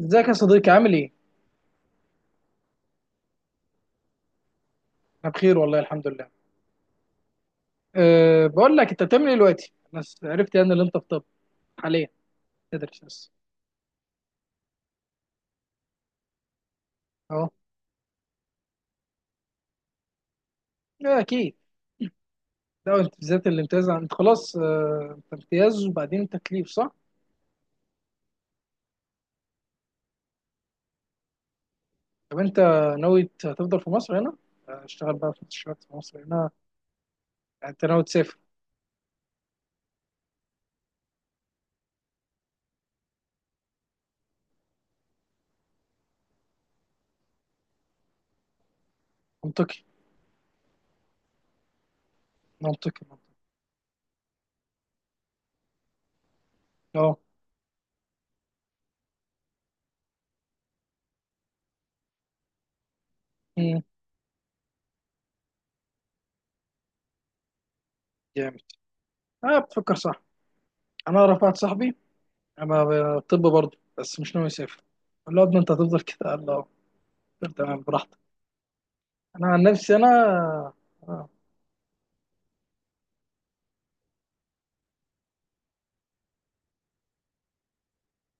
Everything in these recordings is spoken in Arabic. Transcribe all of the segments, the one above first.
ازيك يا صديقي، عامل ايه؟ انا بخير والله الحمد لله. بقول لك، انت بتعمل ايه دلوقتي؟ انا عرفت يعني اللي انت في طب حاليا تدرس بس. اهو. لا، اكيد. ده انت بالذات الامتياز، انت خلاص انت امتياز وبعدين انت تكليف، صح؟ طب انت ناوي تفضل في مصر هنا؟ اشتغل بقى في الشركات في مصر هنا. يعني انت ناوي تسافر. منطقي منطقي منطقي. اه. مم، جامد. اه بتفكر صح. انا اعرف واحد صاحبي. انا طب برضه، بس مش ناوي يسافر. قال له يا ابني انت هتفضل كده، قال له تمام براحتك. انا عن نفسي انا، آه،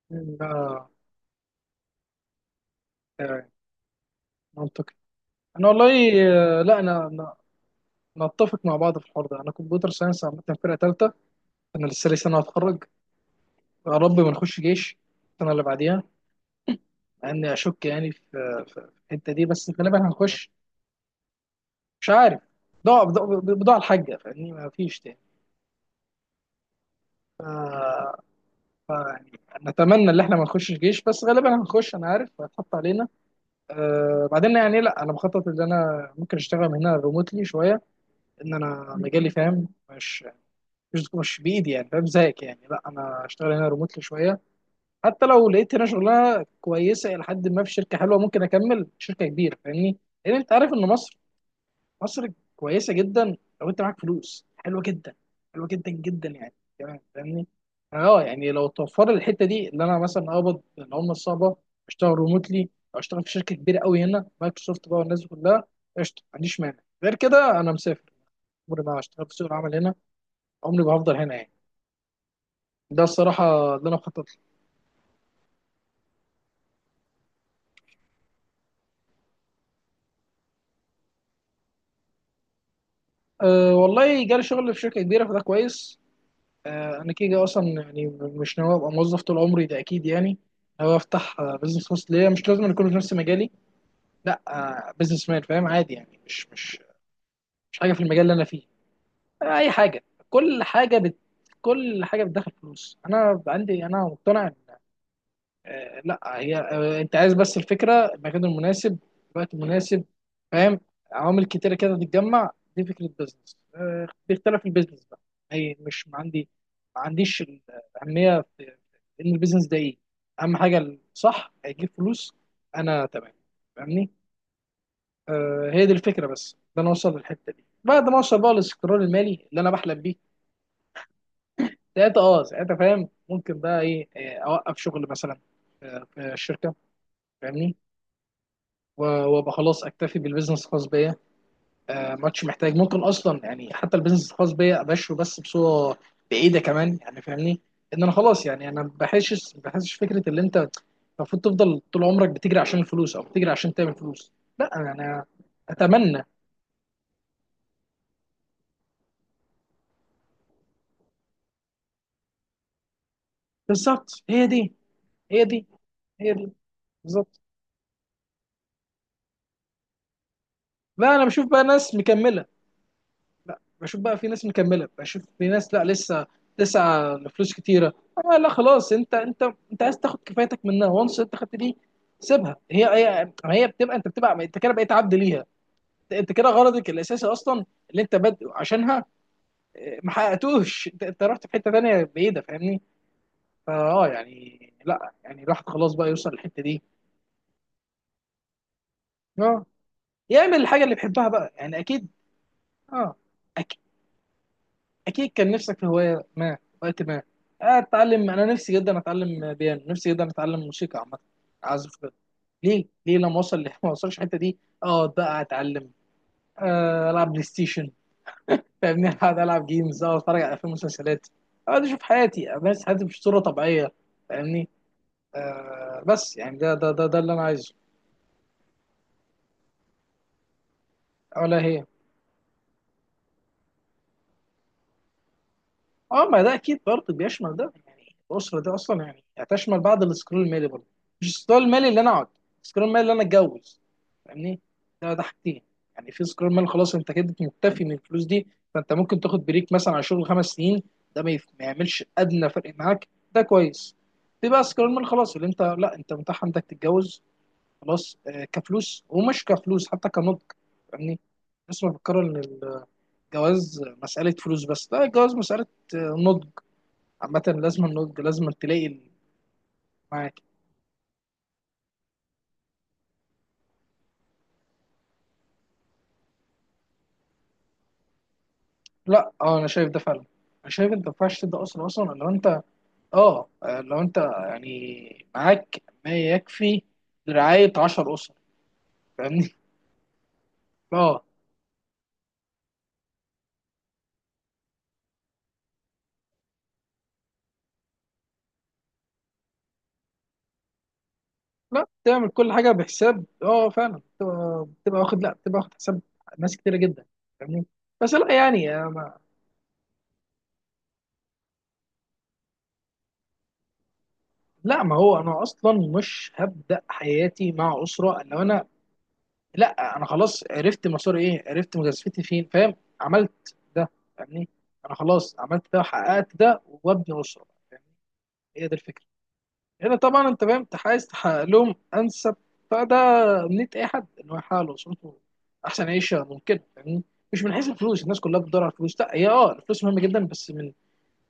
ده يعني منطقي. انا والله، لا انا. نتفق مع بعض في الحوار ده. انا كمبيوتر ساينس عامه، فرقه ثالثه. انا لسه لي سنه هتخرج. يا رب ما نخش جيش السنه اللي بعديها، مع اني اشك يعني في الحته دي، بس غالبا هنخش. مش عارف، بضاعه بضاعه بضاعة الحاجه، فاهمني؟ ما فيش تاني. ف... ف... يعني نتمنى ان احنا ما نخشش جيش، بس غالبا هنخش، انا عارف هتحط علينا. بعدين يعني، لا انا مخطط ان انا ممكن اشتغل من هنا ريموتلي شويه، ان انا مجالي فاهم، مش مش بايدي يعني، فاهم زيك؟ يعني لا، انا اشتغل هنا ريموتلي شويه، حتى لو لقيت هنا شغلانه كويسه الى حد ما في شركه حلوه، ممكن اكمل شركه كبيره، فاهمني؟ لان انت عارف ان مصر، مصر كويسه جدا لو انت معاك فلوس، حلوه جدا، حلوه جدا جدا يعني، كمان فاهمني. اه يعني لو توفر لي الحته دي اللي انا مثلا اقبض العمله الصعبه، اشتغل ريموتلي او اشتغل في شركه كبيره قوي هنا، مايكروسوفت بقى والناس دي كلها، قشطه، ما عنديش مانع. غير كده انا مسافر. عمري ما اشتغل في سوق العمل هنا، عمري ما هفضل هنا يعني. ده الصراحه اللي انا مخطط له. والله جالي شغل في شركه كبيره فده كويس. انا كده اصلا يعني مش ناوي ابقى موظف طول عمري، ده اكيد يعني. ناوي افتح بزنس خاص ليا، مش لازم يكون في نفس مجالي. لا. بزنس مان فاهم، عادي يعني، مش حاجه في المجال اللي انا فيه. اي حاجه. كل حاجه بت كل حاجه بتدخل فلوس، انا عندي، انا مقتنع. لا، هي انت عايز بس الفكره، المكان المناسب، الوقت المناسب، فاهم؟ عوامل كتيره كده تتجمع. دي فكره بيزنس، بيختلف البيزنس بقى. هي مش ما عندي، ما عنديش الاهميه في، في ان البيزنس ده ايه. اهم حاجه الصح هيجيب فلوس، انا تمام، فاهمني. هي دي الفكره، بس ده انا اوصل للحته دي بعد ما اوصل بقى للاستقرار المالي اللي انا بحلم بيه. ساعتها فاهم، ممكن بقى ايه، اوقف شغل مثلا، في الشركه فاهمني، وابقى خلاص اكتفي بالبيزنس الخاص بيا. ما عادش محتاج. ممكن اصلا يعني حتى البيزنس الخاص بيا ابشره بس بصوره بعيده كمان يعني، فاهمني؟ ان انا خلاص يعني انا ما بحسش فكره اللي انت المفروض تفضل طول عمرك بتجري عشان الفلوس او بتجري عشان تعمل فلوس. لا، انا اتمنى. بالظبط، هي دي، هي دي، هي دي، بالظبط. لا انا بشوف بقى ناس مكمله، لا بشوف بقى في ناس مكمله، بشوف في ناس لا لسه تسعى لفلوس كتيره. لا خلاص، انت انت عايز تاخد كفايتك منها وانس. انت خدت دي سيبها. هي بتبقى انت كده بقيت عبد ليها، انت كده غرضك الاساسي اصلا اللي انت بادئ عشانها، ما حققتوش. انت رحت في حته تانيه بعيده، فاهمني؟ يعني، لا يعني الواحد خلاص بقى يوصل للحته دي. اه، يعمل الحاجه اللي بيحبها بقى يعني، اكيد. اه اكيد، كان نفسك في هوايه ما، وقت ما اتعلم. انا نفسي جدا اتعلم بيانو، نفسي جدا اتعلم موسيقى عامه، اعزف كده. ليه ليه لما اوصل ليه ما اوصلش الحته دي اقعد بقى اتعلم، العب بلاي ستيشن فاهمني، اقعد العب جيمز، اقعد اتفرج على افلام ومسلسلات، اقعد اشوف حياتي، بس حياتي مش صوره طبيعيه، فاهمني؟ بس يعني ده اللي انا عايزه. ولا هي؟ اه، ما ده اكيد برضه بيشمل ده يعني. الاسره دي اصلا يعني هتشمل بعض السكرول المالي برضه، مش السكرول المالي اللي انا اقعد، السكرول المالي اللي انا اتجوز، فاهمني؟ ده حاجتين يعني، في سكرول مالي خلاص انت كده مكتفي من الفلوس دي، فانت ممكن تاخد بريك مثلا على شغل 5 سنين، ده ما يعملش ادنى فرق معاك، ده كويس. في بقى سكرول مالي خلاص اللي انت، لا انت متاح عندك تتجوز، خلاص كفلوس ومش كفلوس حتى كنضج، فاهمني؟ الناس مفكرة إن الجواز مسألة فلوس بس، لا، الجواز مسألة نضج، عامة لازم النضج، لازم تلاقي معاك. لا اه، انا شايف ده فعلا. انا شايف انت ما ينفعش تبدا اصلا اصلا لو انت اه لو انت يعني معاك ما يكفي لرعاية 10 اسر، فاهمني؟ اه لا، تعمل كل حاجة بحساب، اه فعلا، بتبقى واخد، لا بتبقى واخد حساب ناس كتيرة جدا، فاهمني؟ بس لا يعني لا ما هو انا اصلا مش هبدا حياتي مع اسرة لو انا، لا انا خلاص عرفت مساري ايه، عرفت مجازفتي فين، فاهم؟ عملت ده يعني، انا خلاص عملت ده وحققت ده وابني اسره، يعني. هي دي الفكره. هنا طبعا انت فاهم، انت عايز تحقق لهم انسب، فده امنيه اي حد، ان هو يحقق لاسرته احسن عيشه ممكن يعني، مش من حيث الفلوس. الناس كلها بتدور على الفلوس، لا هي اه الفلوس مهمه جدا، بس من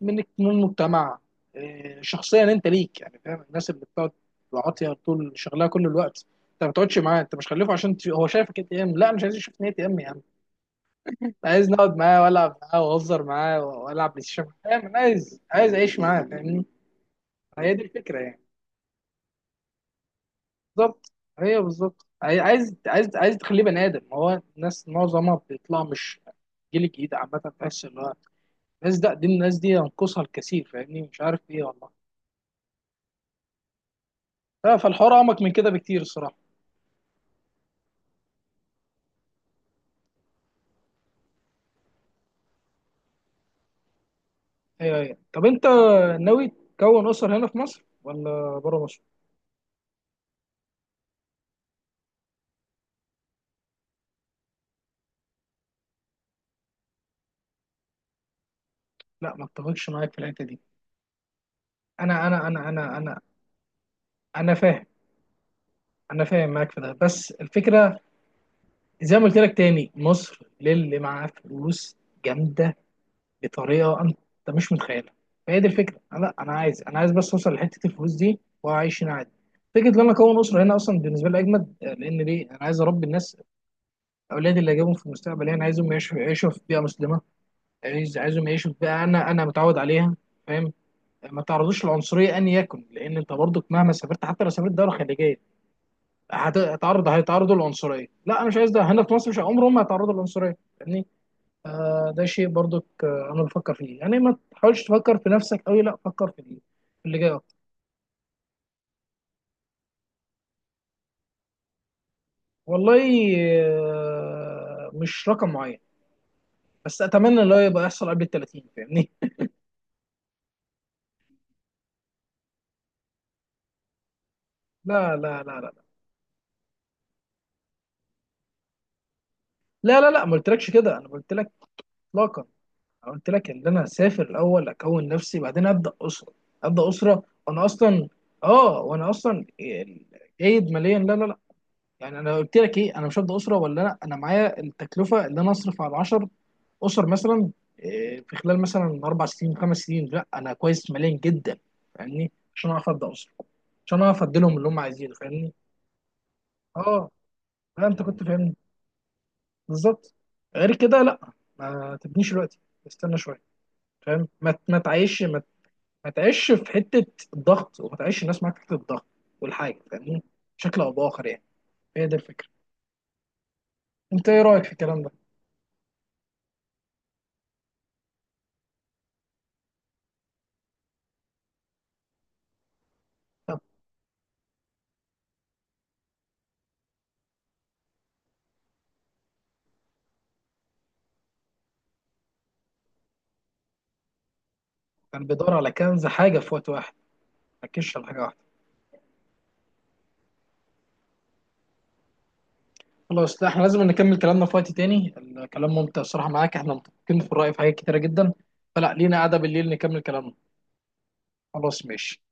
من المجتمع. شخصيا انت ليك يعني، فاهم؟ الناس اللي بتقعد العاطيه طول شغلها كل الوقت، انت ما بتقعدش معاه، انت مش خليفه عشان هو شايفك اي تي ام. لا انا مش عايز اشوف اي تي ام يا عم. أنا عايز نقعد معاه والعب معاه واهزر معاه والعب بلاي ستيشن معاه. فاهم؟ انا عايز اعيش معاه فاهمني. هي دي الفكره يعني، بالظبط. هي بالظبط، عايز، عايز تخليه بني ادم. هو الناس معظمها بيطلع مش، الجيل الجديد عامه تحس ان هو الناس، دي الناس دي ينقصها الكثير فاهمني، مش عارف ايه والله. فالحوار اعمق من كده بكتير الصراحه. ايوه ايوه، طب انت ناوي تكون اسر هنا في مصر ولا بره مصر؟ لا ما اتفقش معاك في الحته دي. انا انا انا انا انا انا فاهم، انا فاهم معاك في ده، بس الفكره زي ما قلت لك تاني، مصر للي معاه فلوس جامده بطريقه انت مش متخيلها. فهي دي الفكره. لا انا عايز بس اوصل لحته الفلوس دي واعيش هنا عادي. فكره ان انا اكون اسره هنا اصلا بالنسبه لي اجمد، لان ليه؟ انا عايز اربي الناس اولادي اللي اجيبهم في المستقبل يعني، عايزهم يعيشوا، يعيشوا في بيئه مسلمه، عايزهم يعيشوا بقى، انا متعود عليها، فاهم؟ ما تعرضوش للعنصريه ان يكن، لان انت برضك مهما سافرت، حتى لو سافرت دوله خليجيه هت- هتعرض هيتعرضوا للعنصريه. لا انا مش عايز ده، هنا في مصر مش عمرهم ما هيتعرضوا للعنصريه، فاهمني؟ آه ده شيء برضك انا بفكر فيه يعني، ما تحاولش تفكر في نفسك قوي، لا فكر في اللي، في اللي جاي اكتر. والله مش رقم معين، بس اتمنى اللي هو يبقى يحصل قبل ال 30، فاهمني؟ لا لا لا لا لا لا لا لا، ما قلتلكش كده. انا قلت لك اطلاقا، أنا قلت لك ان انا هسافر الاول اكون نفسي، بعدين ابدا اسره. ابدا اسره وانا اصلا، اه وانا اصلا جيد ماليا. لا لا لا، يعني انا قلت لك ايه؟ انا مش هبدا اسره ولا، لا انا معايا التكلفه اللي انا اصرف على 10 اسر مثلا، في خلال مثلا 4 سنين 5 سنين. لا انا كويس ماليا جدا، فاهمني؟ عشان اعرف ابدا اسره، عشان اعرف اديلهم اللي هم عايزينه، فاهمني؟ اه لا، انت كنت فاهمني بالظبط، غير كده لا. ما تبنيش دلوقتي، استنى شويه، فاهم؟ ما تعيش في حته الضغط، وما تعيش الناس معاك في حته الضغط والحاجه، فاهمني؟ بشكل او باخر يعني، هي دي الفكره. انت ايه رايك في الكلام ده؟ طب كان بيدور على كنز، حاجه في وقت واحد ما ركزش على حاجه واحده. خلاص، لا احنا لازم نكمل كلامنا في وقت تاني، الكلام ممتع الصراحه معاك، احنا متفقين في الراي في حاجات كتيره جدا. فلا لينا قعده بالليل نكمل كلامنا. خلاص ماشي.